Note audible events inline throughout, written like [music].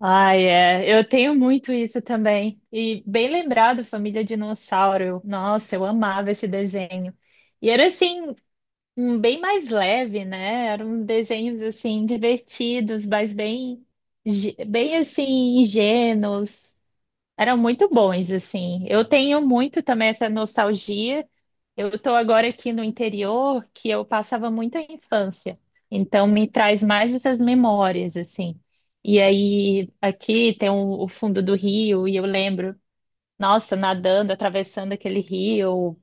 Ai, é. Eu tenho muito isso também. E bem lembrado, Família Dinossauro. Nossa, eu amava esse desenho. E era assim, um bem mais leve, né? Eram desenhos assim divertidos, mas bem, bem assim ingênuos. Eram muito bons, assim. Eu tenho muito também essa nostalgia. Eu estou agora aqui no interior, que eu passava muita infância. Então, me traz mais essas memórias, assim. E aí, aqui tem o fundo do rio, e eu lembro, nossa, nadando, atravessando aquele rio,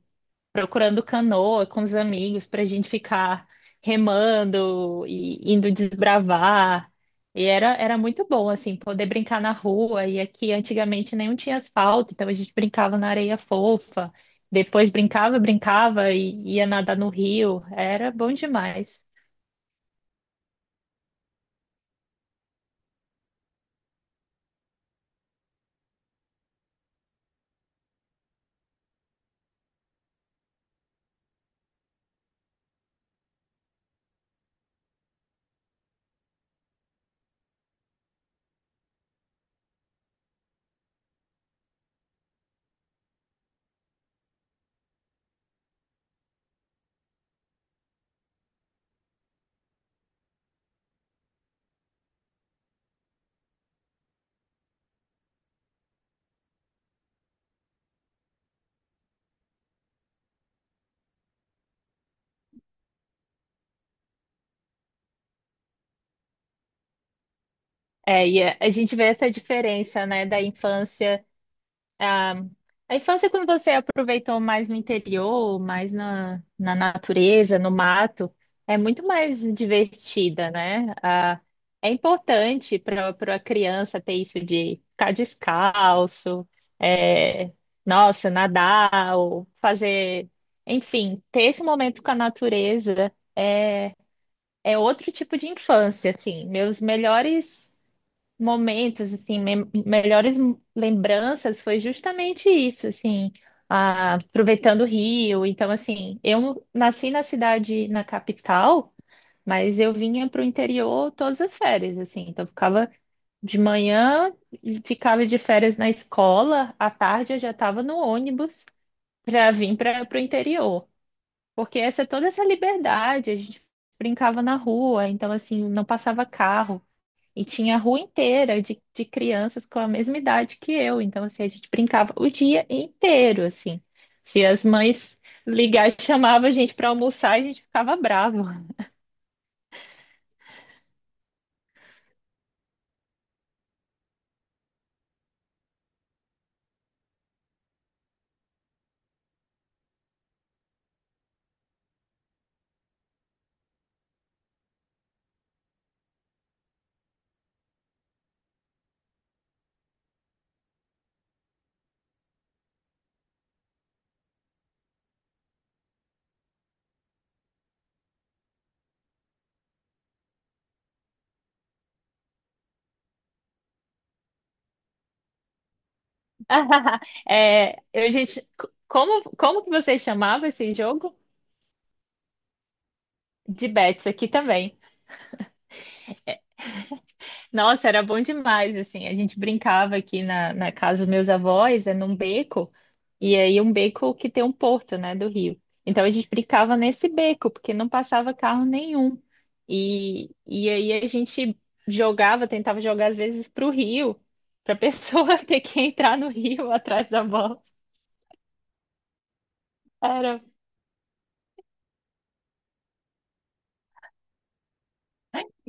procurando canoa com os amigos para a gente ficar remando e indo desbravar. E era muito bom, assim, poder brincar na rua. E aqui antigamente nem tinha asfalto, então a gente brincava na areia fofa. Depois brincava, brincava e ia nadar no rio. Era bom demais. É, e a gente vê essa diferença, né, da infância. Ah, a infância, é quando você aproveitou mais no interior, mais na, na natureza, no mato, é muito mais divertida, né? Ah, é importante para a criança ter isso de ficar descalço, é, nossa, nadar, ou fazer, enfim, ter esse momento com a natureza é, é outro tipo de infância, assim. Meus melhores momentos, assim, melhores lembranças foi justamente isso, assim, aproveitando o rio. Então, assim, eu nasci na cidade, na capital, mas eu vinha para o interior todas as férias, assim, então eu ficava de manhã, ficava de férias na escola, à tarde eu já estava no ônibus para vir para o interior, porque essa toda essa liberdade, a gente brincava na rua, então, assim, não passava carro. E tinha a rua inteira de crianças com a mesma idade que eu. Então, assim, a gente brincava o dia inteiro, assim. Se as mães ligar, chamavam a gente para almoçar, a gente ficava bravo. [laughs] É, eu, gente, como, como que você chamava esse jogo? De bets aqui também. Nossa, era bom demais, assim. A gente brincava aqui na, na casa dos meus avós, é num beco, e aí um beco que tem um porto, né, do rio. Então a gente brincava nesse beco, porque não passava carro nenhum. E aí a gente jogava, tentava jogar às vezes pro rio, para a pessoa [laughs] ter que entrar no rio atrás da bola. Era,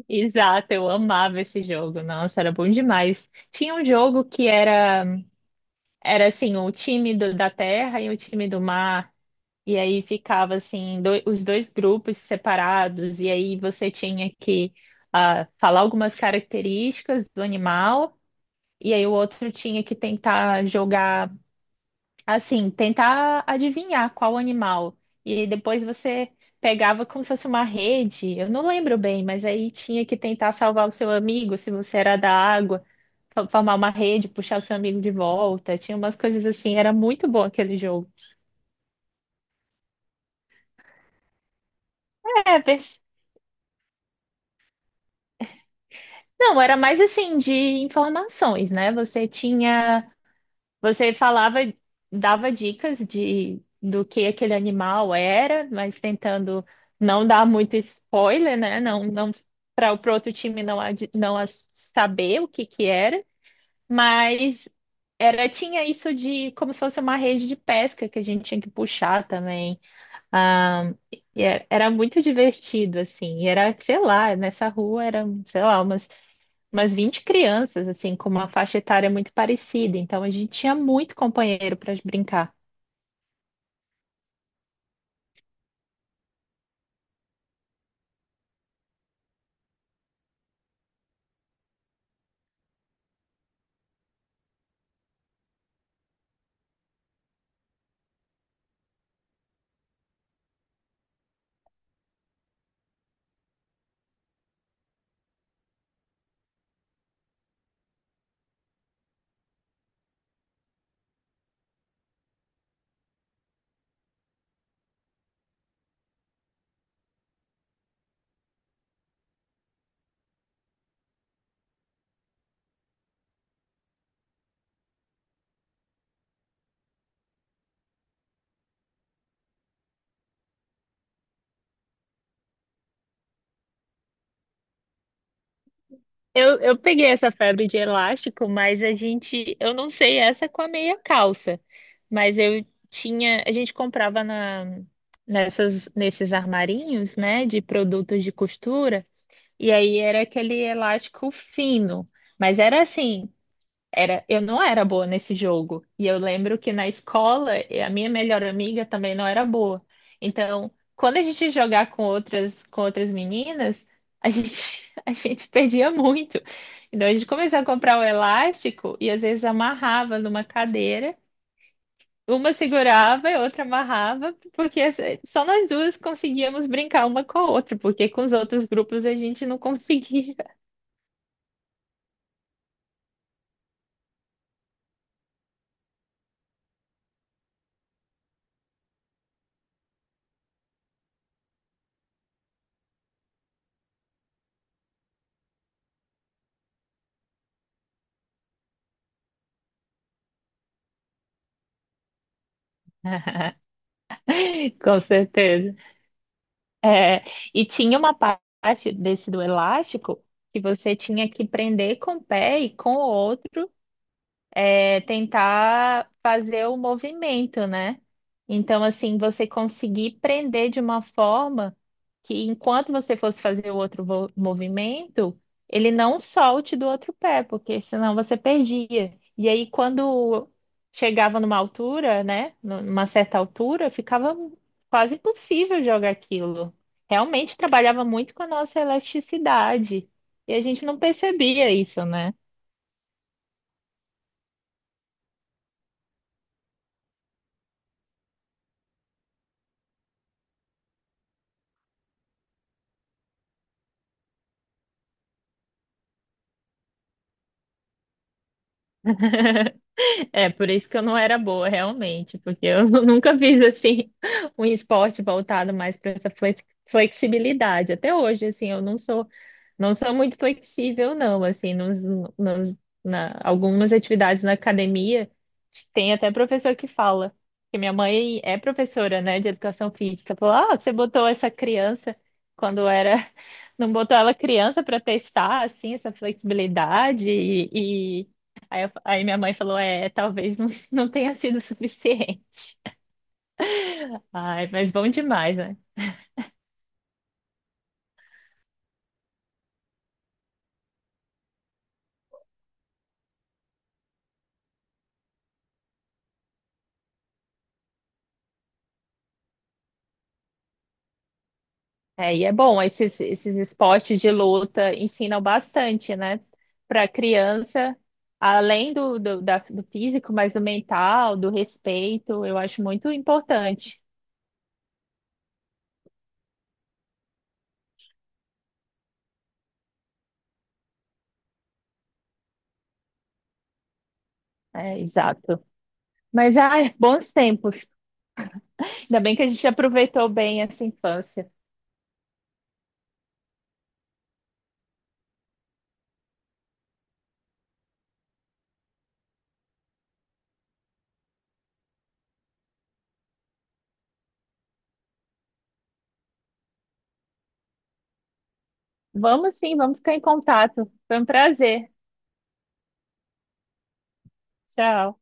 exato, eu amava esse jogo. Nossa, era bom demais. Tinha um jogo que era assim, o da terra e o time do mar. E aí ficava assim, os dois grupos separados, e aí você tinha que ah, falar algumas características do animal, e aí o outro tinha que tentar jogar, assim, tentar adivinhar qual animal. E aí depois você pegava como se fosse uma rede, eu não lembro bem, mas aí tinha que tentar salvar o seu amigo, se você era da água, formar uma rede, puxar o seu amigo de volta, tinha umas coisas assim, era muito bom aquele jogo. É, não, era mais assim de informações, né? Você tinha, você falava, dava dicas de do que aquele animal era, mas tentando não dar muito spoiler, né? Não, não para o pro outro time não saber o que que era, mas era tinha isso de como se fosse uma rede de pesca que a gente tinha que puxar também. Ah, e era muito divertido assim. E era, sei lá, nessa rua era, sei lá, umas 20 crianças, assim, com uma faixa etária muito parecida. Então a gente tinha muito companheiro para brincar. Eu peguei essa febre de elástico, mas a gente, eu não sei essa com a meia calça, mas eu tinha, a gente comprava na, nessas, nesses armarinhos, né, de produtos de costura, e aí era aquele elástico fino, mas era assim. Era, eu não era boa nesse jogo. E eu lembro que na escola, a minha melhor amiga também não era boa. Então, quando a gente ia jogar com outras meninas, a gente, [laughs] a gente perdia muito. Então, a gente começou a comprar o elástico e às vezes amarrava numa cadeira. Uma segurava e outra amarrava, só nós duas conseguíamos brincar uma com a outra, porque com os outros grupos a gente não conseguia. [laughs] Com certeza. É, e tinha uma parte desse do elástico que você tinha que prender com o pé e com o outro é, tentar fazer o movimento, né? Então, assim, você conseguir prender de uma forma que, enquanto você fosse fazer o outro movimento, ele não solte do outro pé, porque senão você perdia. E aí, quando chegava numa altura, né? Numa certa altura, ficava quase impossível jogar aquilo. Realmente trabalhava muito com a nossa elasticidade. E a gente não percebia isso, né? É, por isso que eu não era boa, realmente, porque eu [laughs] nunca fiz assim um esporte voltado mais para essa flexibilidade. Até hoje, assim, eu não sou não sou muito flexível, não, assim, nos- na, algumas atividades na academia tem até professor que fala, que minha mãe é professora, né, de educação física, falou, ah, você botou essa criança quando era, [laughs] não botou ela criança para testar, assim, essa flexibilidade e aí, aí minha mãe falou, é, talvez não, [laughs] não tenha sido suficiente. Ai, mas bom demais, né? É, e é bom, esses esportes de luta ensinam bastante, né? Para a criança, além do físico, mas do mental, do respeito, eu acho muito importante. É, exato. Mas, ai, bons tempos. Ainda bem que a gente aproveitou bem essa infância. Vamos sim, vamos ficar em contato. Foi um prazer. Tchau.